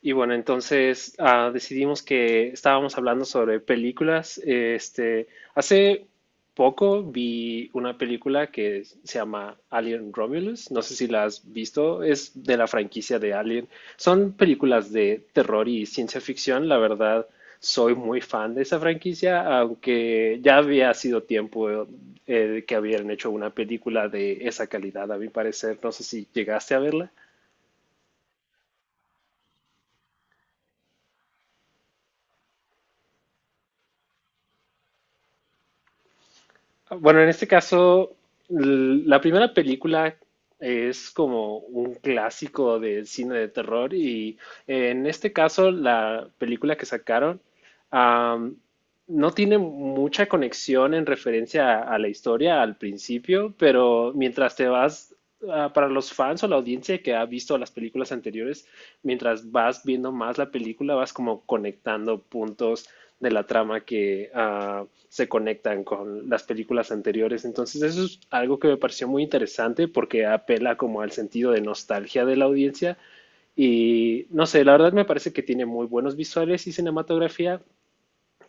Y bueno, entonces decidimos que estábamos hablando sobre películas. Hace poco vi una película que se llama Alien Romulus. No sé si la has visto. Es de la franquicia de Alien. Son películas de terror y ciencia ficción. La verdad, soy muy fan de esa franquicia, aunque ya había sido tiempo que habían hecho una película de esa calidad, a mi parecer. No sé si llegaste a verla. Bueno, en este caso, la primera película es como un clásico del cine de terror y en este caso la película que sacaron am, no tiene mucha conexión en referencia a la historia al principio, pero mientras te vas, para los fans o la audiencia que ha visto las películas anteriores, mientras vas viendo más la película, vas como conectando puntos de la trama que se conectan con las películas anteriores. Entonces eso es algo que me pareció muy interesante porque apela como al sentido de nostalgia de la audiencia y no sé, la verdad me parece que tiene muy buenos visuales y cinematografía,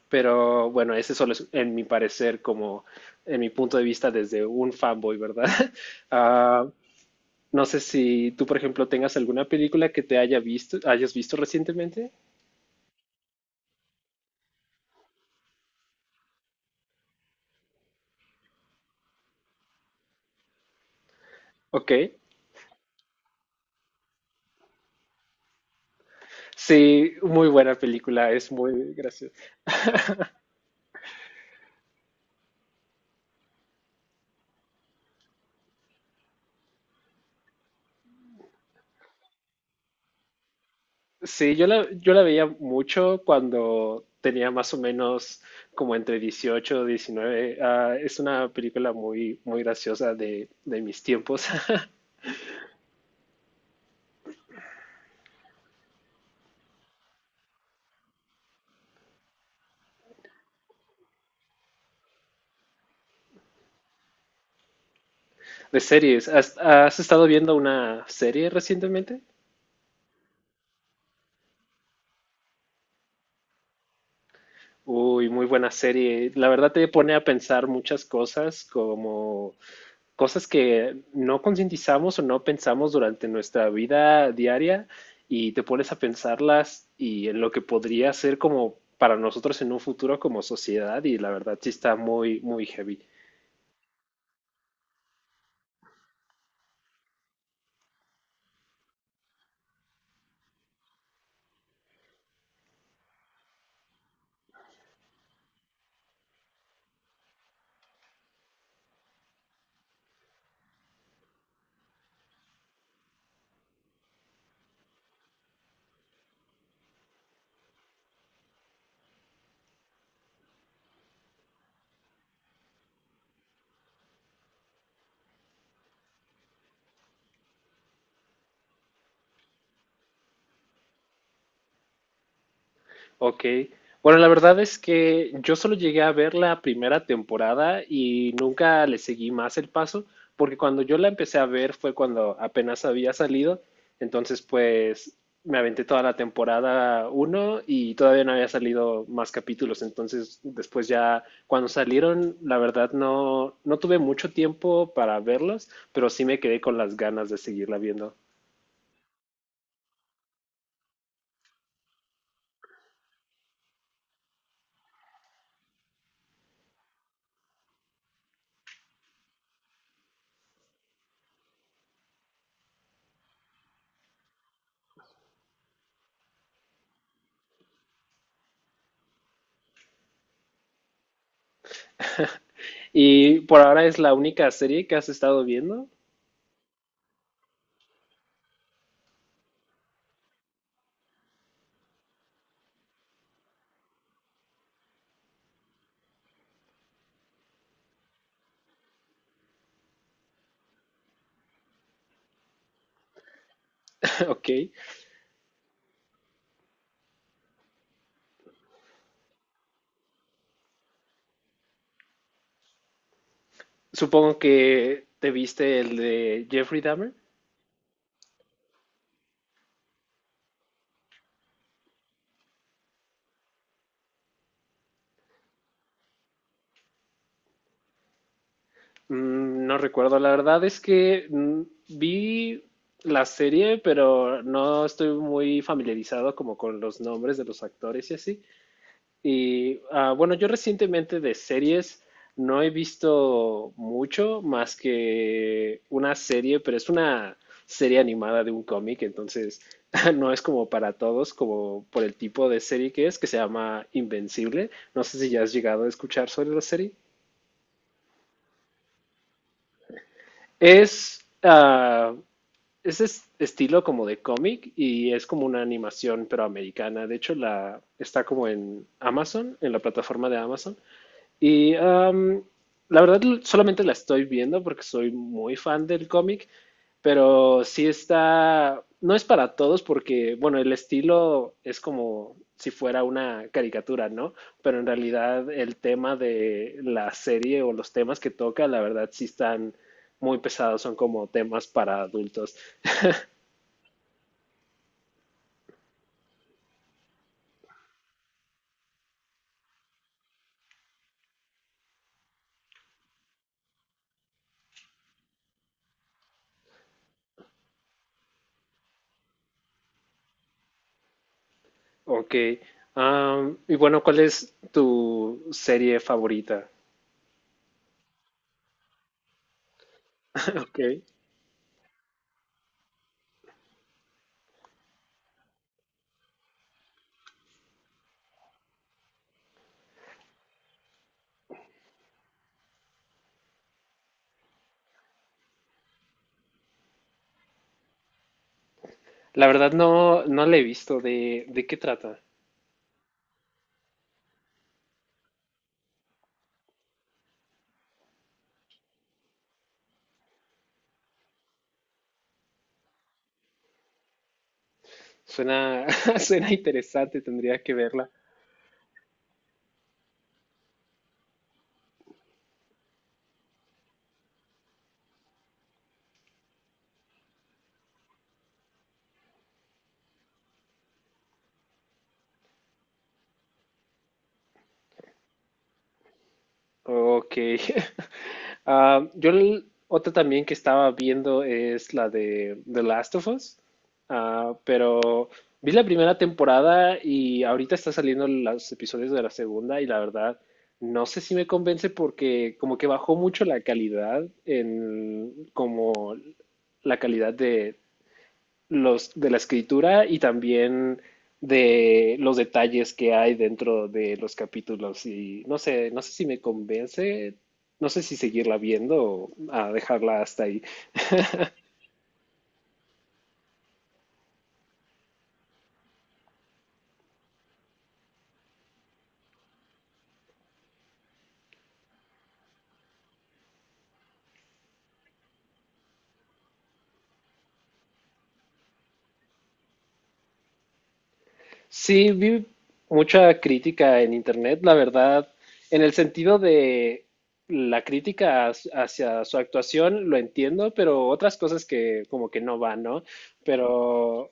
pero bueno, ese solo es en mi parecer como en mi punto de vista desde un fanboy, ¿verdad? Ah, no sé si tú, por ejemplo, tengas alguna película que hayas visto recientemente. Ok. Sí, muy buena película, es muy graciosa. Sí, yo la veía mucho cuando tenía más o menos como entre 18 y 19. Ah, es una película muy, muy graciosa de mis tiempos. De series. ¿Has, has estado viendo una serie recientemente? Uy, muy buena serie. La verdad te pone a pensar muchas cosas como cosas que no concientizamos o no pensamos durante nuestra vida diaria y te pones a pensarlas y en lo que podría ser como para nosotros en un futuro como sociedad y la verdad sí está muy, muy heavy. Ok. Bueno, la verdad es que yo solo llegué a ver la primera temporada y nunca le seguí más el paso, porque cuando yo la empecé a ver fue cuando apenas había salido, entonces pues me aventé toda la temporada uno y todavía no había salido más capítulos, entonces después ya cuando salieron, la verdad no, no tuve mucho tiempo para verlos, pero sí me quedé con las ganas de seguirla viendo. ¿Y por ahora es la única serie que has estado viendo? Ok. Supongo que te viste el de Jeffrey Dahmer. No recuerdo, la verdad es que vi la serie, pero no estoy muy familiarizado como con los nombres de los actores y así. Y bueno, yo recientemente de series no he visto mucho más que una serie, pero es una serie animada de un cómic, entonces no es como para todos, como por el tipo de serie que es, que se llama Invencible. No sé si ya has llegado a escuchar sobre la serie. Es, ah, es- estilo como de cómic y es como una animación pero americana. De hecho, la está como en Amazon, en la plataforma de Amazon. Y la verdad solamente la estoy viendo porque soy muy fan del cómic, pero sí está, no es para todos porque, bueno, el estilo es como si fuera una caricatura, ¿no? Pero en realidad el tema de la serie o los temas que toca, la verdad sí están muy pesados, son como temas para adultos. Ok. Y bueno, ¿cuál es tu serie favorita? Ok. La verdad no, no la he visto. De qué trata? Suena, suena interesante, tendría que verla. Ok. Ah, yo otra también que estaba viendo es la de The Last of Us. Ah, pero vi la primera temporada y ahorita está saliendo los episodios de la segunda y la verdad no sé si me convence porque como que bajó mucho la calidad en como la calidad de, los de la escritura y también de los detalles que hay dentro de los capítulos y no sé, no sé si me convence, no sé si seguirla viendo o a dejarla hasta ahí. Sí, vi mucha crítica en internet, la verdad, en el sentido de la crítica hacia su actuación, lo entiendo, pero otras cosas que como que no van, ¿no? Pero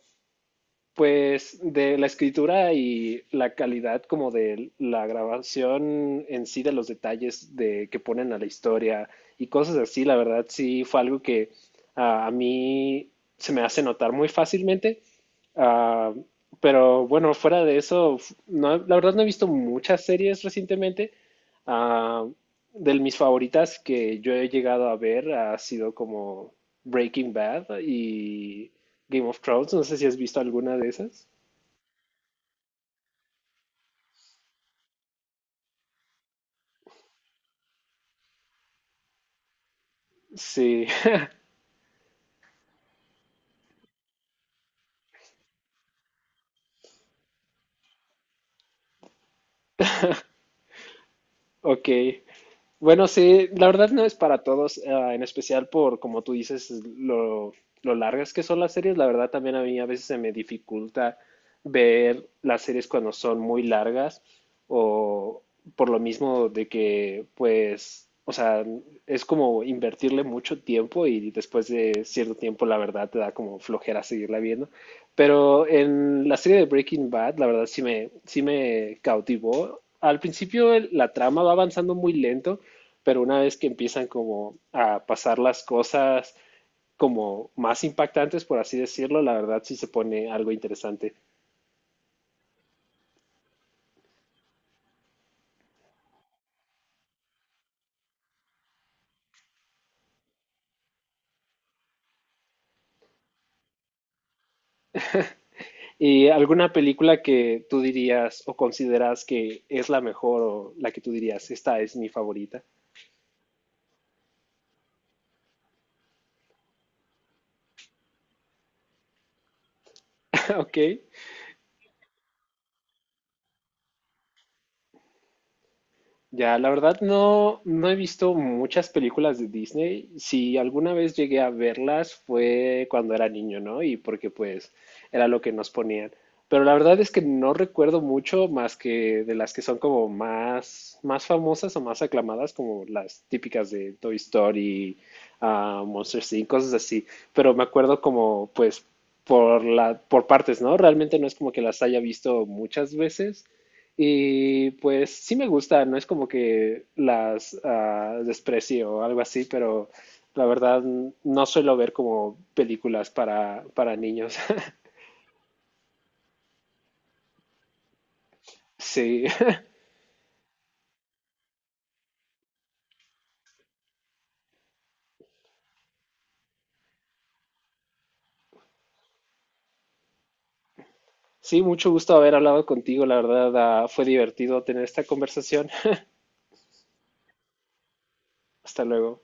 Pues de la escritura y la calidad como de la grabación en sí de los detalles de que ponen a la historia y cosas así, la verdad sí fue algo que a mí se me hace notar muy fácilmente. Ah, pero bueno, fuera de eso, no, la verdad no he visto muchas series recientemente. Ah, de mis favoritas que yo he llegado a ver ha sido como Breaking Bad y Game of Thrones. No sé si has visto alguna de esas. Sí, ok. Bueno, sí, la verdad no es para todos, en especial por, como tú dices, lo, lo largas que son las series. La verdad también a mí a veces se me dificulta ver las series cuando son muy largas o por lo mismo de que, pues, o sea, es como invertirle mucho tiempo y después de cierto tiempo la verdad te da como flojera seguirla viendo. Pero en la serie de Breaking Bad, la verdad sí me cautivó. Al principio la trama va avanzando muy lento pero una vez que empiezan como a pasar las cosas como más impactantes, por así decirlo, la verdad sí se pone algo interesante. ¿Y alguna película que tú dirías o consideras que es la mejor o la que tú dirías, esta es mi favorita? Ok. Ya, la verdad no, no he visto muchas películas de Disney. Si alguna vez llegué a verlas fue cuando era niño, ¿no? Y porque pues era lo que nos ponían. Pero la verdad es que no recuerdo mucho más que de las que son como más, más famosas o más aclamadas, como las típicas de Toy Story, Monsters Inc., cosas así. Pero me acuerdo como pues por la, por partes, ¿no? Realmente no es como que las haya visto muchas veces. Y pues sí me gusta, no es como que las desprecie o algo así, pero la verdad no suelo ver como películas para niños. Sí, sí, mucho gusto haber hablado contigo, la verdad fue divertido tener esta conversación. Hasta luego.